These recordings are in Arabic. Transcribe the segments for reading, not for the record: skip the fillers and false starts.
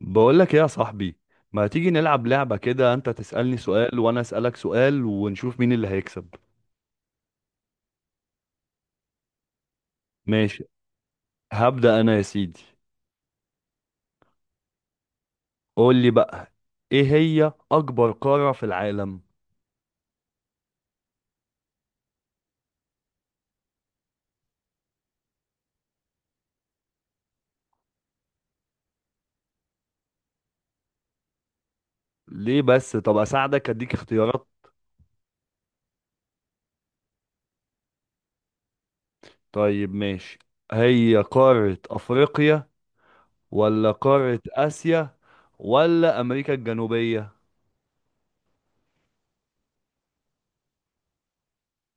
بقول لك ايه يا صاحبي؟ ما تيجي نلعب لعبة كده، انت تسألني سؤال وانا أسألك سؤال ونشوف مين اللي هيكسب. ماشي. هبدأ انا يا سيدي. قول لي بقى، ايه هي اكبر قارة في العالم؟ ليه بس؟ طب اساعدك، اديك اختيارات. طيب ماشي. هي قارة افريقيا ولا قارة اسيا ولا امريكا الجنوبية؟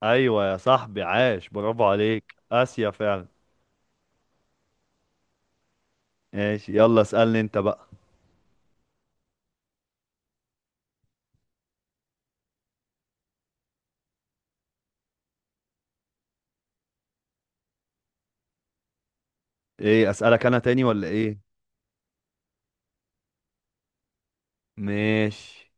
ايوه يا صاحبي، عاش، برافو عليك، اسيا فعلا. ماشي، يلا اسألني انت بقى. ايه، اسألك انا تاني ولا ايه؟ ماشي.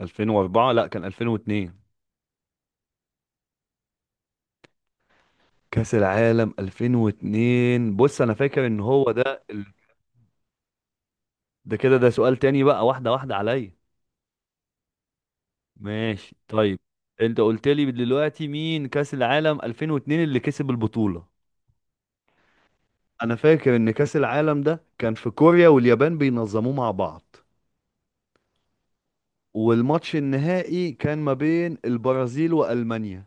2004؟ لا كان 2002. كأس العالم 2002، بص انا فاكر ان هو ده ده كده، ده سؤال تاني بقى، واحدة واحدة عليا. ماشي طيب. انت قلت لي دلوقتي مين كأس العالم 2002 اللي كسب البطولة. انا فاكر ان كأس العالم ده كان في كوريا واليابان بينظموه مع بعض، والماتش النهائي كان ما بين البرازيل وألمانيا،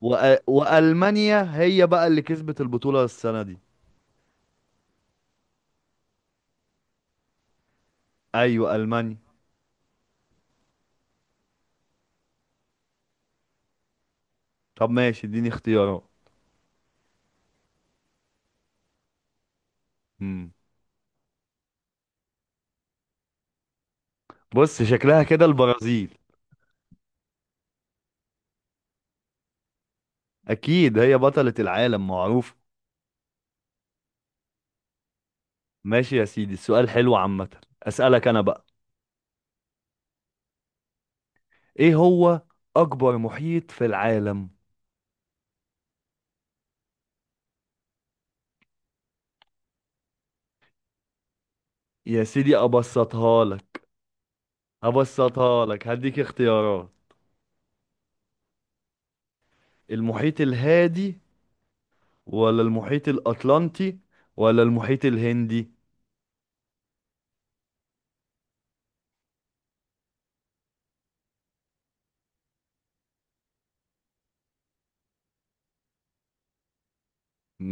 وألمانيا هي بقى اللي كسبت البطولة السنة دي. ايوه ألمانيا. طب ماشي، اديني اختيارات. مم. بص شكلها كده البرازيل. اكيد هي بطلة العالم، معروف. ماشي يا سيدي، السؤال حلو عامة. اسألك انا بقى. ايه هو اكبر محيط في العالم؟ يا سيدي ابسطها لك. ابسطها لك، هديك اختيارات. المحيط الهادي ولا المحيط الاطلنطي ولا المحيط الهندي؟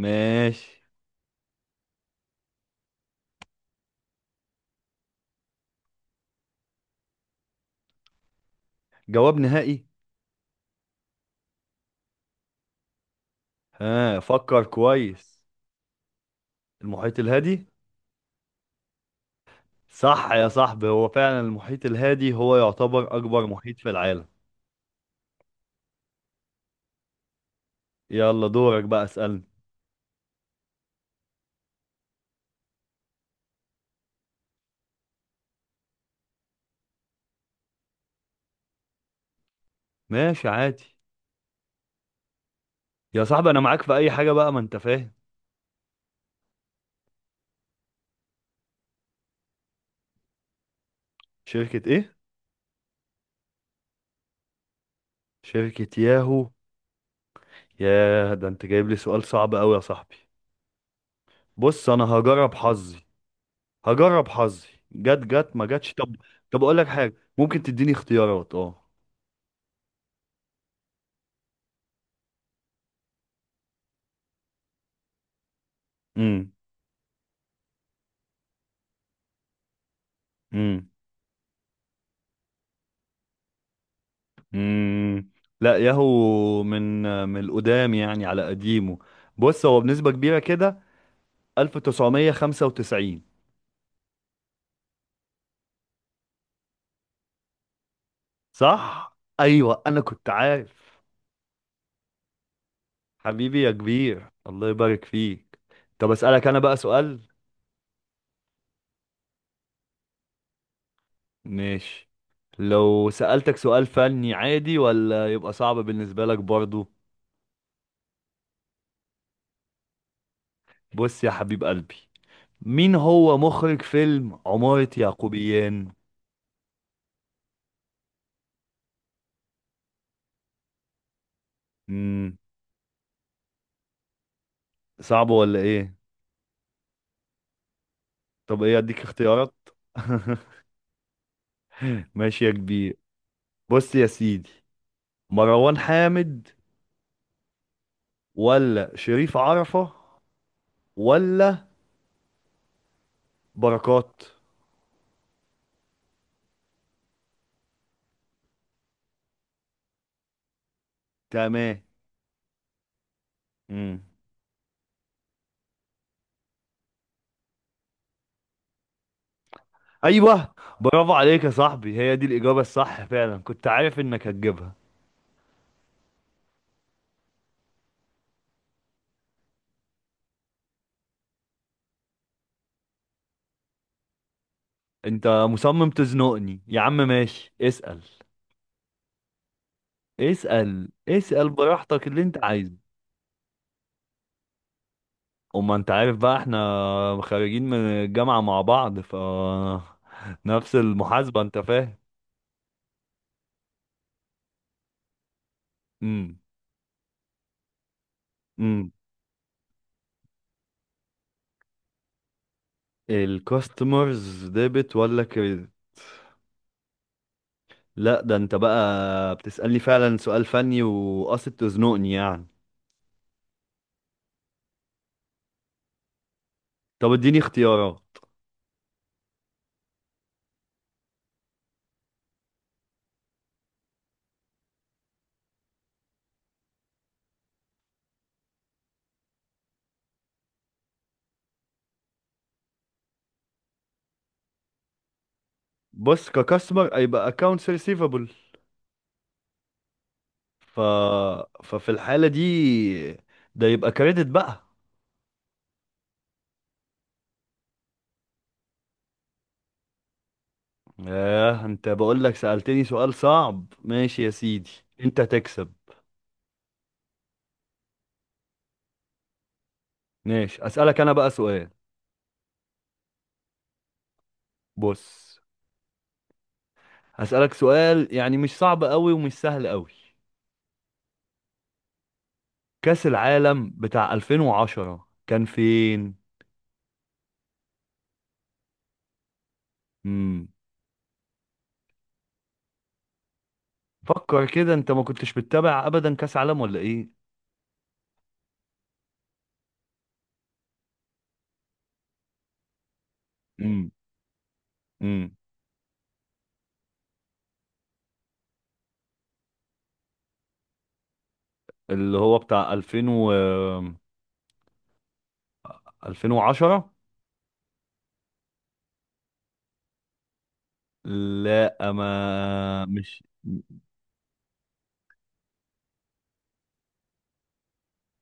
ماشي. جواب نهائي؟ ها، فكر كويس. المحيط الهادي. صح يا صاحبي، هو فعلا المحيط الهادي هو يعتبر أكبر محيط في العالم. يلا دورك بقى، اسألني. ماشي عادي. يا صاحبي أنا معاك في أي حاجة بقى، ما أنت فاهم. شركة إيه؟ شركة ياهو. ياه، ده أنت جايب لي سؤال صعب أوي يا صاحبي. بص أنا هجرب حظي. هجرب حظي، جت جت، ما جتش طب. طب أقول لك حاجة، ممكن تديني اختيارات، أه. أمم. أمم. أمم. لا، ياهو من القدام يعني، على قديمه. بص هو بنسبة كبيرة كده، 1995. صح، ايوه انا كنت عارف. حبيبي يا كبير، الله يبارك فيك. طب اسالك انا بقى سؤال. ماشي. لو سالتك سؤال فني عادي ولا يبقى صعب بالنسبه لك برضو؟ بص يا حبيب قلبي، مين هو مخرج فيلم عمارة يعقوبيان؟ امم. صعب ولا ايه؟ طب ايه، اديك اختيارات. ماشي يا كبير. بص يا سيدي، مروان حامد ولا شريف عرفة ولا بركات؟ تمام. امم. ايوه، برافو عليك يا صاحبي، هي دي الاجابه الصح فعلا، كنت عارف انك هتجيبها. انت مصمم تزنقني يا عم، ماشي اسال. اسال اسال براحتك اللي انت عايزه. اما انت عارف بقى، احنا خارجين من الجامعه مع بعض، ف نفس المحاسبه، انت فاهم. امم. امم. الكاستمرز ديبت ولا كريدت؟ لا، ده انت بقى بتسالني فعلا سؤال فني وقاصد تزنقني يعني. طب اديني اختيارات. بص، ككاستمر هيبقى اكونتس ريسيفبل. ف... ففي الحالة دي، ده يبقى كريدت بقى. ياه، انت بقول لك سألتني سؤال صعب، ماشي يا سيدي، انت تكسب. ماشي، اسألك انا بقى سؤال. بص هسألك سؤال يعني مش صعب قوي ومش سهل قوي. كأس العالم بتاع 2010 كان فين؟ امم. فكر كده، انت ما كنتش بتتابع ابدا كأس عالم ولا ايه؟ امم. امم. اللي هو بتاع 2000 و 2010. لا ما مش.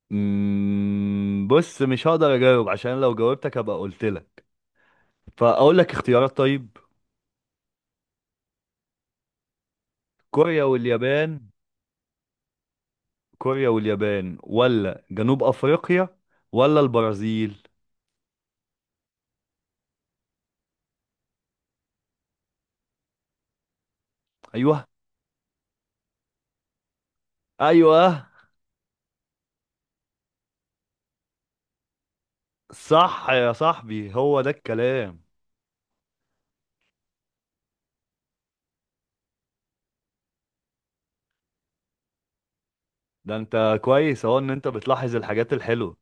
بص مش هقدر اجاوب، عشان لو جاوبتك هبقى قلت لك، فاقول لك اختيارات طيب. كوريا واليابان، كوريا واليابان ولا جنوب افريقيا ولا البرازيل؟ ايوه. ايوه، صح يا صاحبي، هو ده الكلام. ده انت كويس اهو، ان انت بتلاحظ الحاجات الحلوة.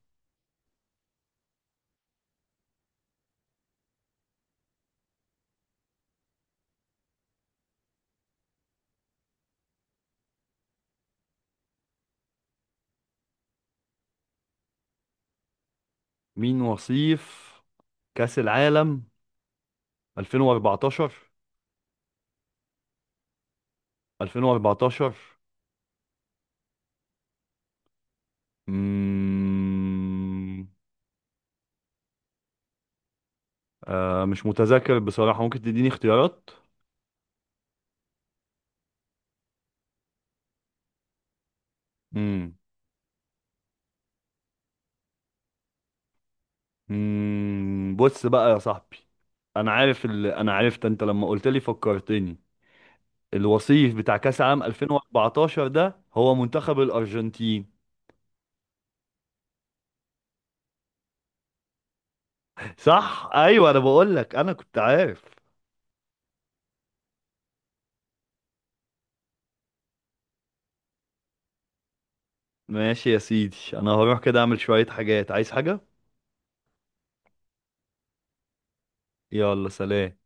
مين وصيف كأس العالم 2014؟ 2014. مم... آه مش متذكر بصراحة، ممكن تديني اختيارات. مم. مم. بص بقى يا صاحبي، انا عارف انا عرفت انت لما قلت لي، فكرتني. الوصيف بتاع كاس عام 2014 ده هو منتخب الارجنتين. صح، ايوه انا بقول لك انا كنت عارف. ماشي يا سيدي، انا هروح كده اعمل شوية حاجات، عايز حاجة. يلا سلام.